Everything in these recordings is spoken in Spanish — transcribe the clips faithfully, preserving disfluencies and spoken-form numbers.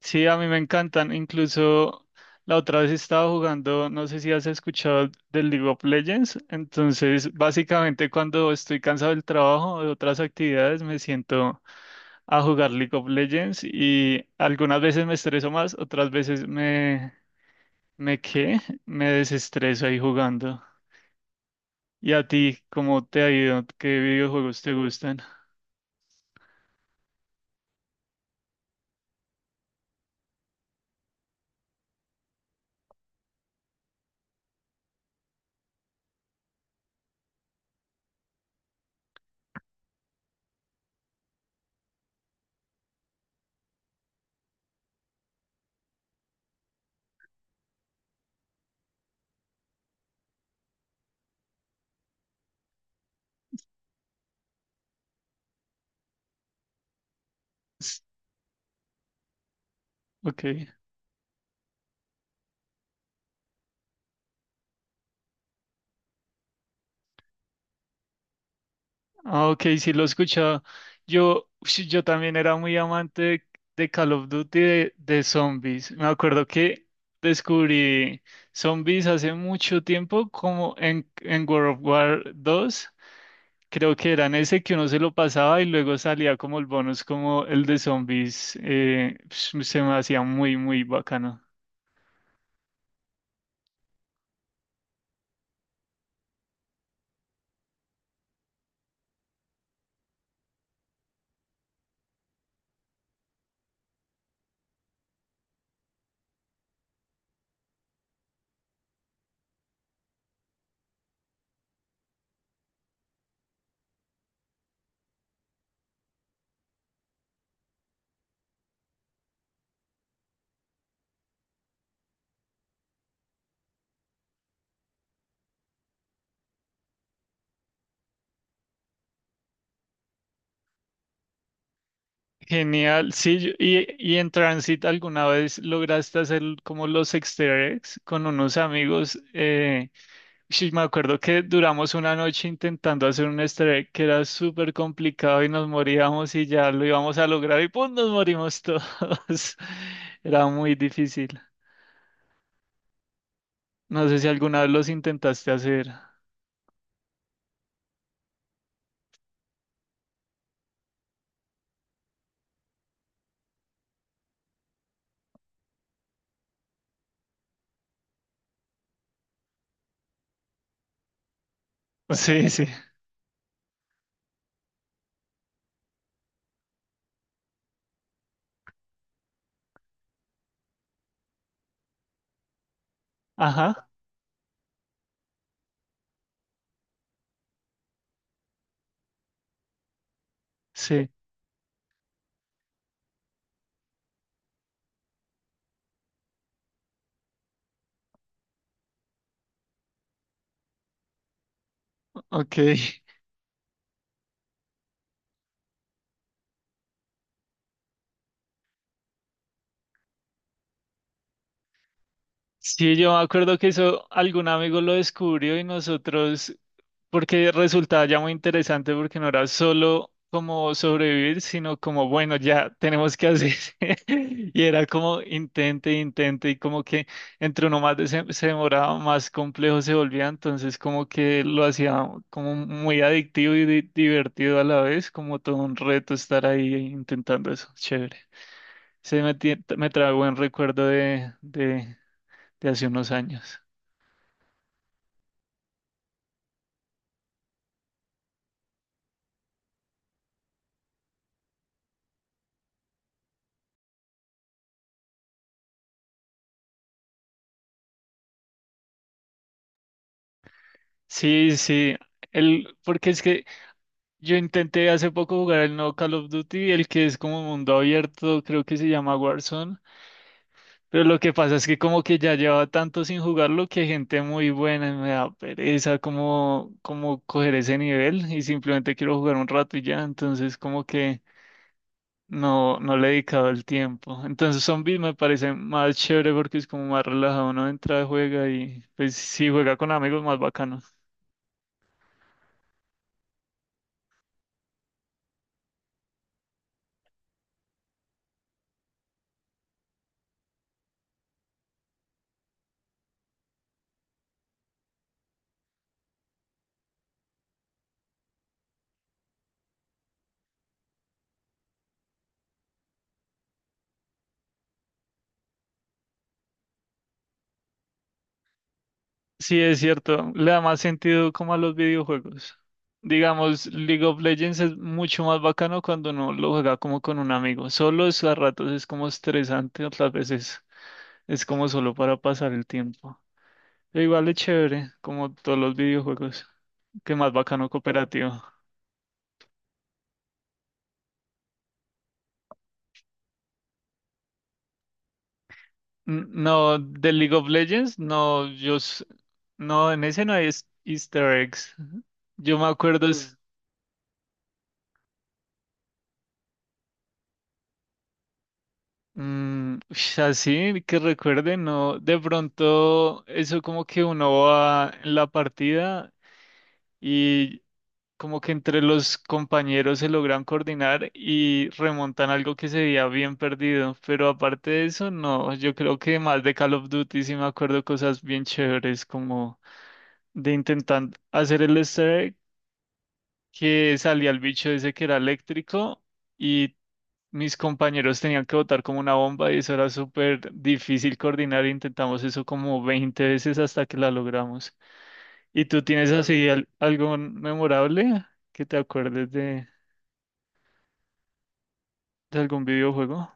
Sí, a mí me encantan. Incluso la otra vez estaba jugando, no sé si has escuchado del League of Legends. Entonces, básicamente cuando estoy cansado del trabajo o de otras actividades, me siento a jugar League of Legends y algunas veces me estreso más, otras veces me, me ¿qué? Me desestreso ahí jugando. ¿Y a ti cómo te ha ido? ¿Qué videojuegos te gustan? S- Ok. Ah, ok, sí lo he escuchado. Yo, sí, yo también era muy amante de, de Call of Duty de, de zombies. Me acuerdo que descubrí zombies hace mucho tiempo, como en, en World of War dos. Creo que eran ese que uno se lo pasaba y luego salía como el bonus, como el de zombies. Eh, se me hacía muy, muy bacano. Genial, sí, yo- y, y en Transit alguna vez lograste hacer como los easter eggs con unos amigos. Eh, Sí, me acuerdo que duramos una noche intentando hacer un easter egg que era súper complicado y nos moríamos y ya lo íbamos a lograr y ¡pum! Nos morimos todos. Era muy difícil. No sé si alguna vez los intentaste hacer. Sí, sí. Ajá, sí. Ok. Sí, yo me acuerdo que eso algún amigo lo descubrió y nosotros porque resultaba ya muy interesante porque no era solo como sobrevivir, sino como, bueno, ya tenemos que hacer. Y era como intente, intente, y como que entre uno más de- se, se demoraba, más complejo se volvía, entonces como que lo hacía como muy adictivo y di- divertido a la vez, como todo un reto estar ahí intentando eso, chévere. Se me, tie- me trae buen recuerdo de, de, de hace unos años. Sí, sí. El, porque es que yo intenté hace poco jugar el nuevo Call of Duty, el que es como mundo abierto, creo que se llama Warzone, pero lo que pasa es que como que ya llevaba tanto sin jugarlo que gente muy buena y me da pereza como, como coger ese nivel y simplemente quiero jugar un rato y ya, entonces como que no, no le he dedicado el tiempo. Entonces Zombies me parece más chévere porque es como más relajado, uno entra, juega y pues si juega con amigos más bacano. Sí, es cierto, le da más sentido como a los videojuegos. Digamos, League of Legends es mucho más bacano cuando uno lo juega como con un amigo. Solo es a ratos es como estresante, otras veces es como solo para pasar el tiempo. Pero igual es chévere, como todos los videojuegos, qué más bacano cooperativo. N- No, de League of Legends, no, yo s- no, en ese no hay es- Easter eggs. Yo me acuerdo es mm, ush, así que recuerde, no, de pronto eso como que uno va en la partida y como que entre los compañeros se logran coordinar y remontan algo que se veía bien perdido, pero aparte de eso, no, yo creo que más de Call of Duty sí me acuerdo cosas bien chéveres como de intentar hacer el easter egg, que salía el bicho ese que era eléctrico. Y mis compañeros tenían que votar como una bomba y eso era súper difícil coordinar. Intentamos eso como veinte veces hasta que la logramos. ¿Y tú tienes así al- algo memorable que te acuerdes de, de algún videojuego?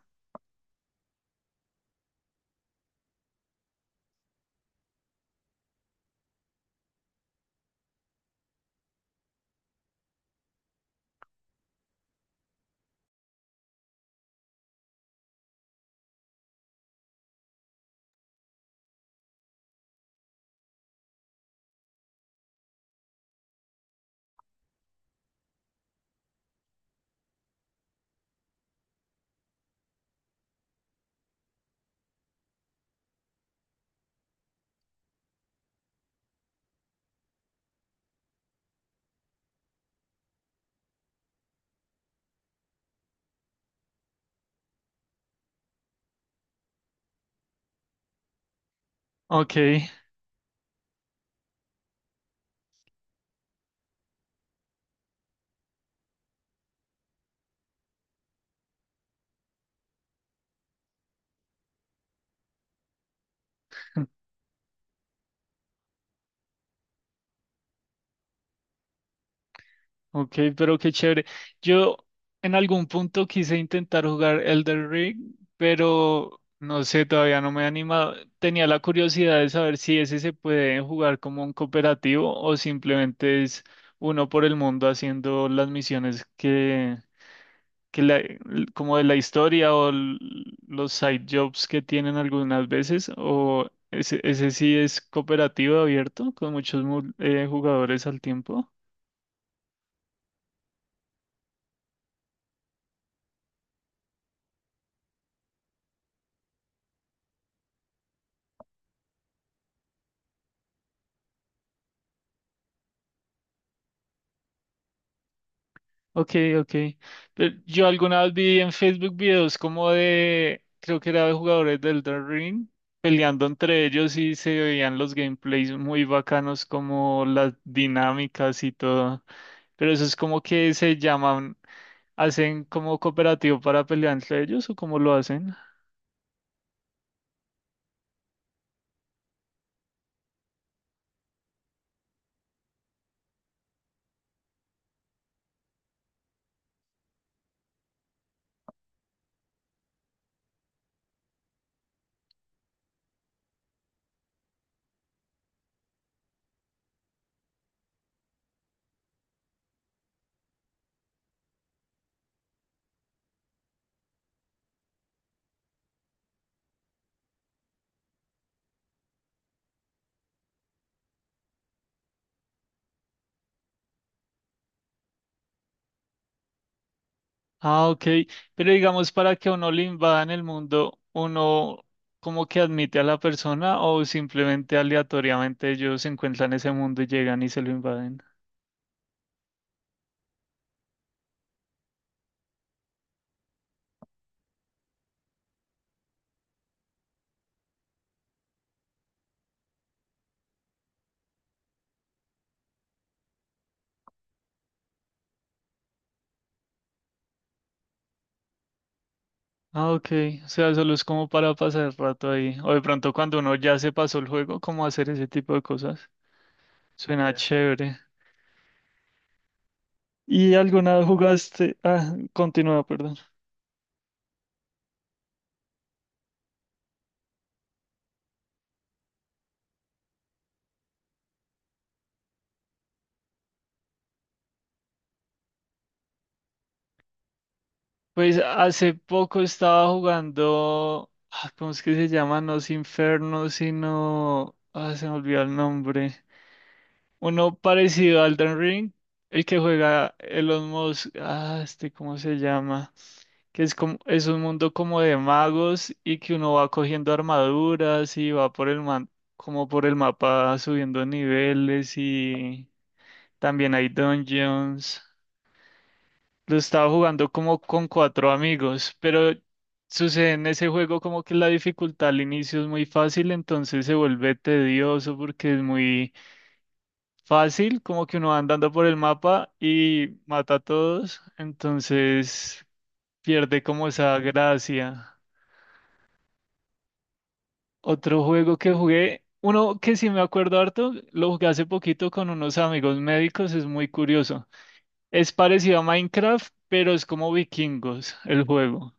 Ok. Ok, pero qué chévere. Yo en algún punto quise intentar jugar Elden Ring, pero no sé, todavía no me he animado. Tenía la curiosidad de saber si ese se puede jugar como un cooperativo o simplemente es uno por el mundo haciendo las misiones que, que la- como de la historia o l- los side jobs que tienen algunas veces, o ese, ese sí es cooperativo abierto con muchos mu- eh, jugadores al tiempo. Ok, ok. Pero yo alguna vez vi en Facebook videos como de, creo que era de jugadores del Elden Ring, peleando entre ellos y se veían los gameplays muy bacanos, como las dinámicas y todo. Pero eso es como que se llaman, hacen como cooperativo para pelear entre ellos o cómo lo hacen. Ah, ok. Pero digamos, para que a uno le invadan el mundo, uno como que admite a la persona o simplemente aleatoriamente ellos se encuentran ese mundo y llegan y se lo invaden. Ah, ok. O sea, solo es como para pasar el rato ahí. O de pronto cuando uno ya se pasó el juego, como hacer ese tipo de cosas. Suena ya. Chévere. ¿Y alguna vez jugaste? Ah, continúa, perdón. Pues hace poco estaba jugando, ah, ¿cómo es que se llama? No es Inferno, sino... Ah, se me olvidó el nombre. Uno parecido a Elden Ring, el que juega Elon Musk. Ah, este, ¿cómo se llama? Que es como, es un mundo como de magos y que uno va cogiendo armaduras y va por el man, como por el mapa subiendo niveles y también hay dungeons. Lo estaba jugando como con cuatro amigos, pero sucede en ese juego como que la dificultad al inicio es muy fácil, entonces se vuelve tedioso porque es muy fácil, como que uno va andando por el mapa y mata a todos, entonces pierde como esa gracia. Otro juego que jugué, uno que sí me acuerdo harto, lo jugué hace poquito con unos amigos médicos, es muy curioso. Es parecido a Minecraft, pero es como vikingos el juego.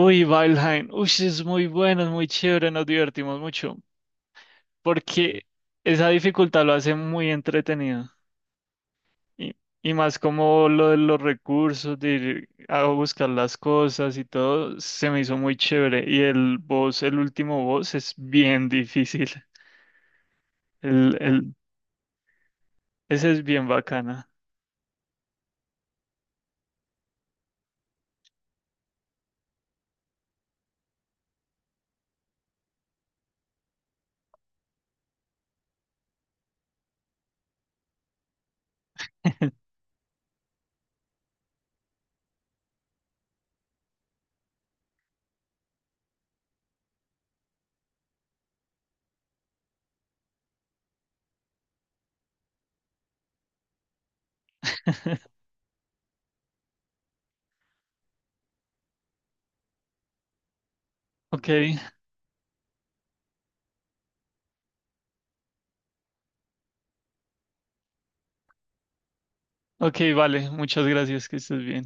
Uy, Valheim, uy, sí, es muy bueno, es muy chévere, nos divertimos mucho, porque esa dificultad lo hace muy entretenido. Y, y más como lo de los recursos, de ir a buscar las cosas y todo, se me hizo muy chévere. Y el boss, el último boss, es bien difícil. El, el, ese es bien bacana. Ok, ok, vale, muchas gracias, que estés bien.